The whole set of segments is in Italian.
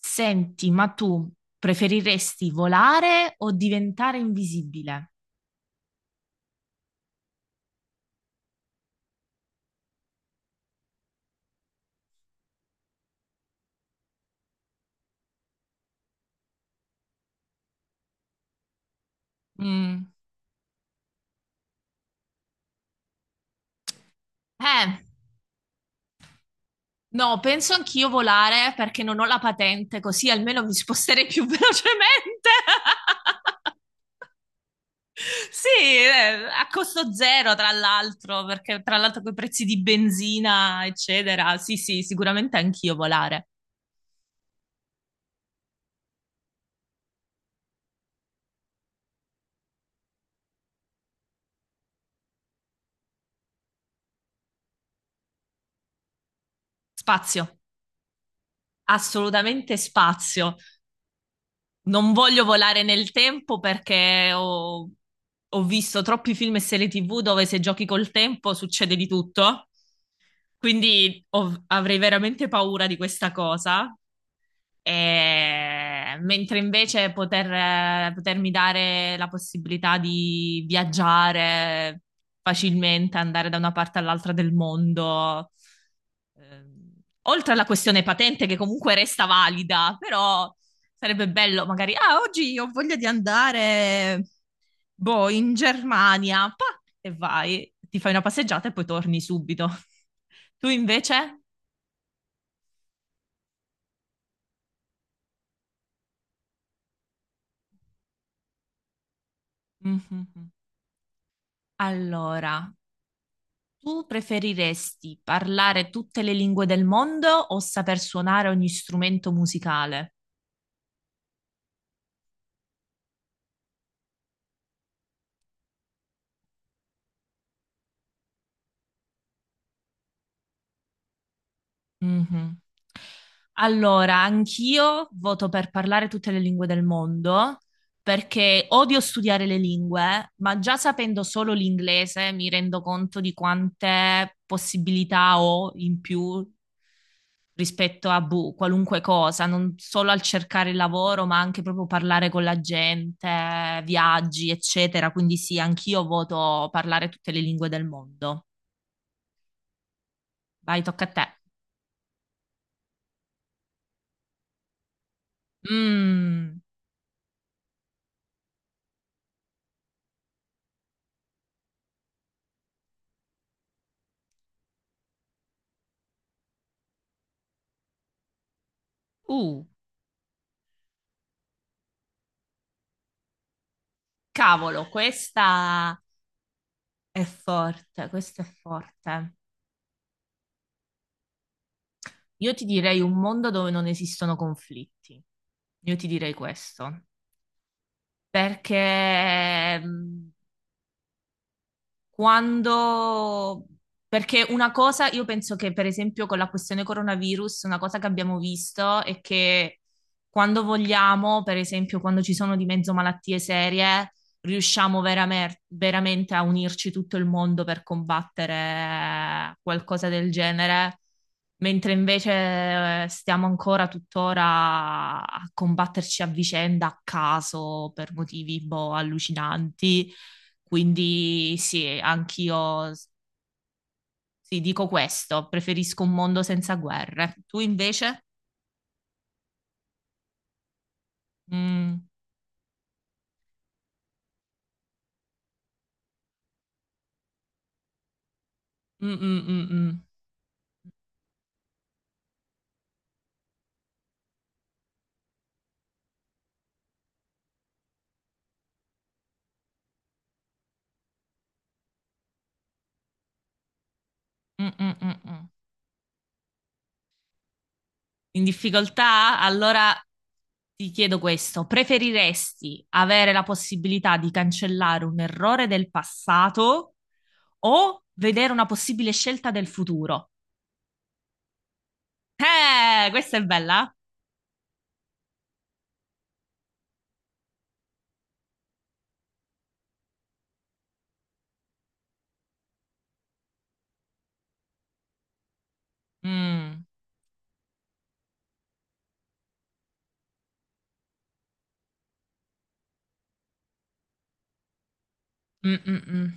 Senti, ma tu preferiresti volare o diventare invisibile? Mm. Eh, no, penso anch'io volare perché non ho la patente, così almeno mi sposterei più velocemente. Sì, a costo zero, tra l'altro, perché tra l'altro con i prezzi di benzina, eccetera. Sì, sì, sicuramente anch'io volare. Spazio, assolutamente spazio. Non voglio volare nel tempo perché ho visto troppi film e serie TV dove se giochi col tempo succede di tutto. Quindi avrei veramente paura di questa cosa. Mentre invece potermi dare la possibilità di viaggiare facilmente, andare da una parte all'altra del mondo, ehm, oltre alla questione patente che comunque resta valida, però sarebbe bello magari, ah, oggi ho voglia di andare, boh, in Germania, pa, e vai, ti fai una passeggiata e poi torni subito. Tu invece? Mhm. Allora, tu preferiresti parlare tutte le lingue del mondo o saper suonare ogni strumento musicale? Mhm. Allora, anch'io voto per parlare tutte le lingue del mondo perché odio studiare le lingue, ma già sapendo solo l'inglese mi rendo conto di quante possibilità ho in più rispetto a boh, qualunque cosa, non solo al cercare il lavoro, ma anche proprio parlare con la gente, viaggi, eccetera. Quindi sì, anch'io voto parlare tutte le lingue del mondo. Vai, tocca a te. Mm, uh, cavolo, questa è forte, questa è forte. Io ti direi un mondo dove non esistono conflitti. Io ti direi questo, perché mm, quando... Perché una cosa, io penso che per esempio con la questione coronavirus, una cosa che abbiamo visto è che quando vogliamo, per esempio quando ci sono di mezzo malattie serie, riusciamo veramente a unirci tutto il mondo per combattere qualcosa del genere, mentre invece stiamo ancora tuttora a combatterci a vicenda, a caso, per motivi boh, allucinanti. Quindi sì, sì, dico questo, preferisco un mondo senza guerre. Tu invece? Mm, mm, mm, mm, mm. Mm, mm, mm, mm. In difficoltà? Allora ti chiedo questo. Preferiresti avere la possibilità di cancellare un errore del passato o vedere una possibile scelta del futuro? Questa è bella. Mm, mm, mm, mm.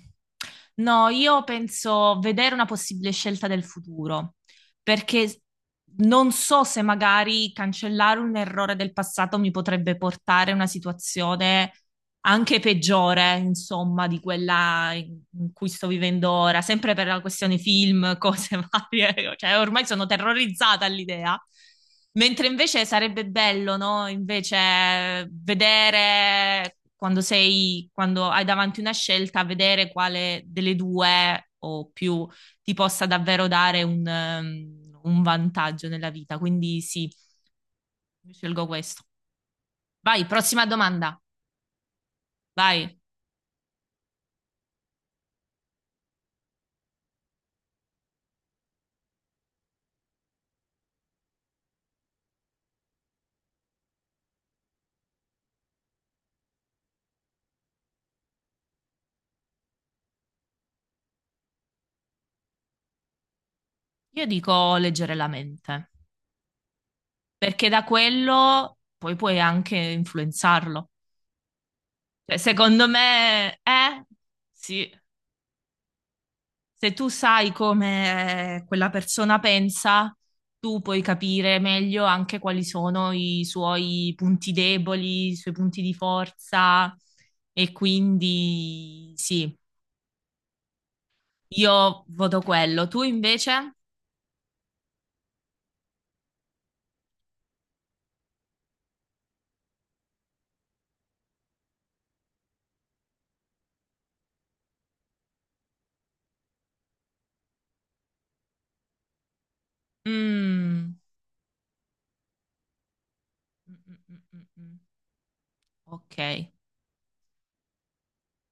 No, io penso vedere una possibile scelta del futuro, perché non so se magari cancellare un errore del passato mi potrebbe portare a una situazione anche peggiore, insomma, di quella in cui sto vivendo ora, sempre per la questione film, cose varie, cioè ormai sono terrorizzata all'idea. Mentre invece sarebbe bello, no? Invece vedere quando sei, quando hai davanti una scelta, vedere quale delle due o più ti possa davvero dare un vantaggio nella vita. Quindi sì, io scelgo questo. Vai, prossima domanda. Vai. Io dico leggere la mente, perché da quello poi puoi anche influenzarlo. Cioè, secondo me, sì, se tu sai come quella persona pensa, tu puoi capire meglio anche quali sono i suoi punti deboli, i suoi punti di forza e quindi sì, io voto quello, tu invece? Mm. Mm, mm, mm, mm. Ok.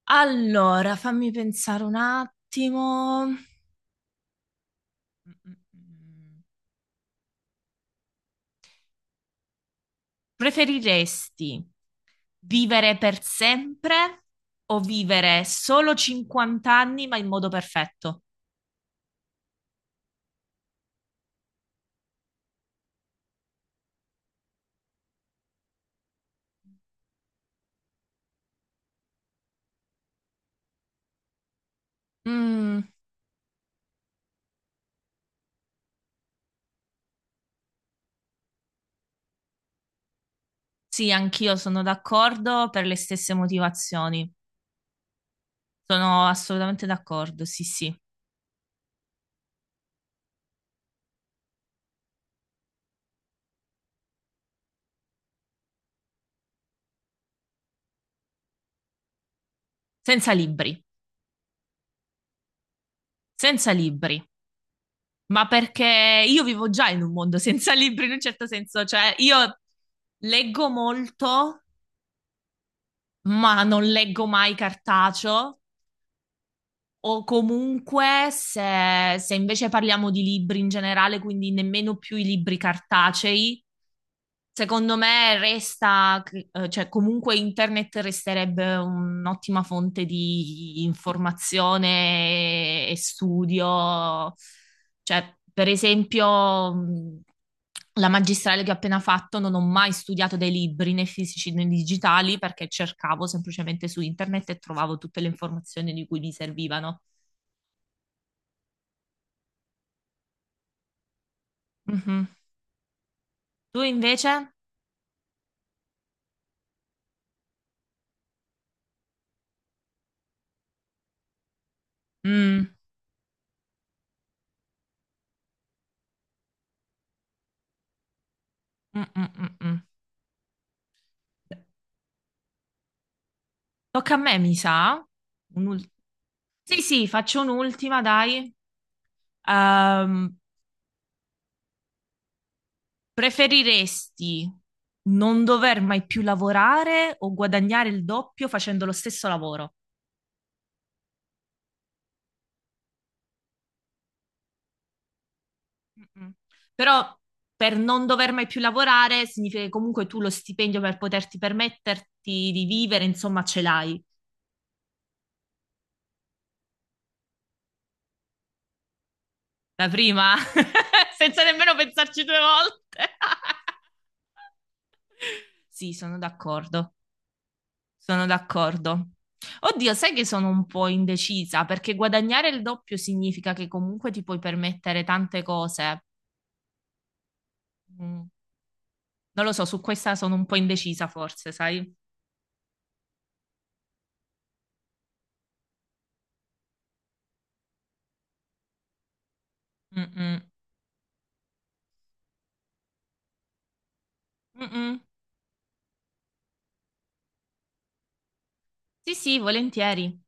Allora, fammi pensare un attimo. Mm, mm, mm. Preferiresti vivere per sempre o vivere solo 50 anni ma in modo perfetto? Mm. Sì, anch'io sono d'accordo per le stesse motivazioni. Sono assolutamente d'accordo, sì, sì. Senza libri, senza libri. Ma perché io vivo già in un mondo senza libri in un certo senso, cioè io leggo molto, ma non leggo mai cartaceo, o comunque se, se invece parliamo di libri in generale, quindi nemmeno più i libri cartacei, secondo me resta, cioè comunque internet resterebbe un'ottima fonte di informazione e studio. Cioè, per esempio, la magistrale che ho appena fatto non ho mai studiato dei libri né fisici né digitali perché cercavo semplicemente su internet e trovavo tutte le informazioni di cui mi servivano. Mhm. Tu invece? Mm. Mm, mm, mm, mm. Tocca a me, mi sa. Un'ultima. Sì, sì, faccio un'ultima, dai. Ehm, Preferiresti non dover mai più lavorare o guadagnare il doppio facendo lo stesso lavoro? Mm-mm. Però per non dover mai più lavorare significa che comunque tu lo stipendio per poterti permetterti di vivere, insomma, ce l'hai. La prima, senza nemmeno pensarci due volte. Sì, sono d'accordo. Sono d'accordo. Oddio, sai che sono un po' indecisa perché guadagnare il doppio significa che comunque ti puoi permettere tante cose. Mm. Non lo so, su questa sono un po' indecisa forse, sai? Mm-mm. Mm-mm. Sì, sì, volentieri.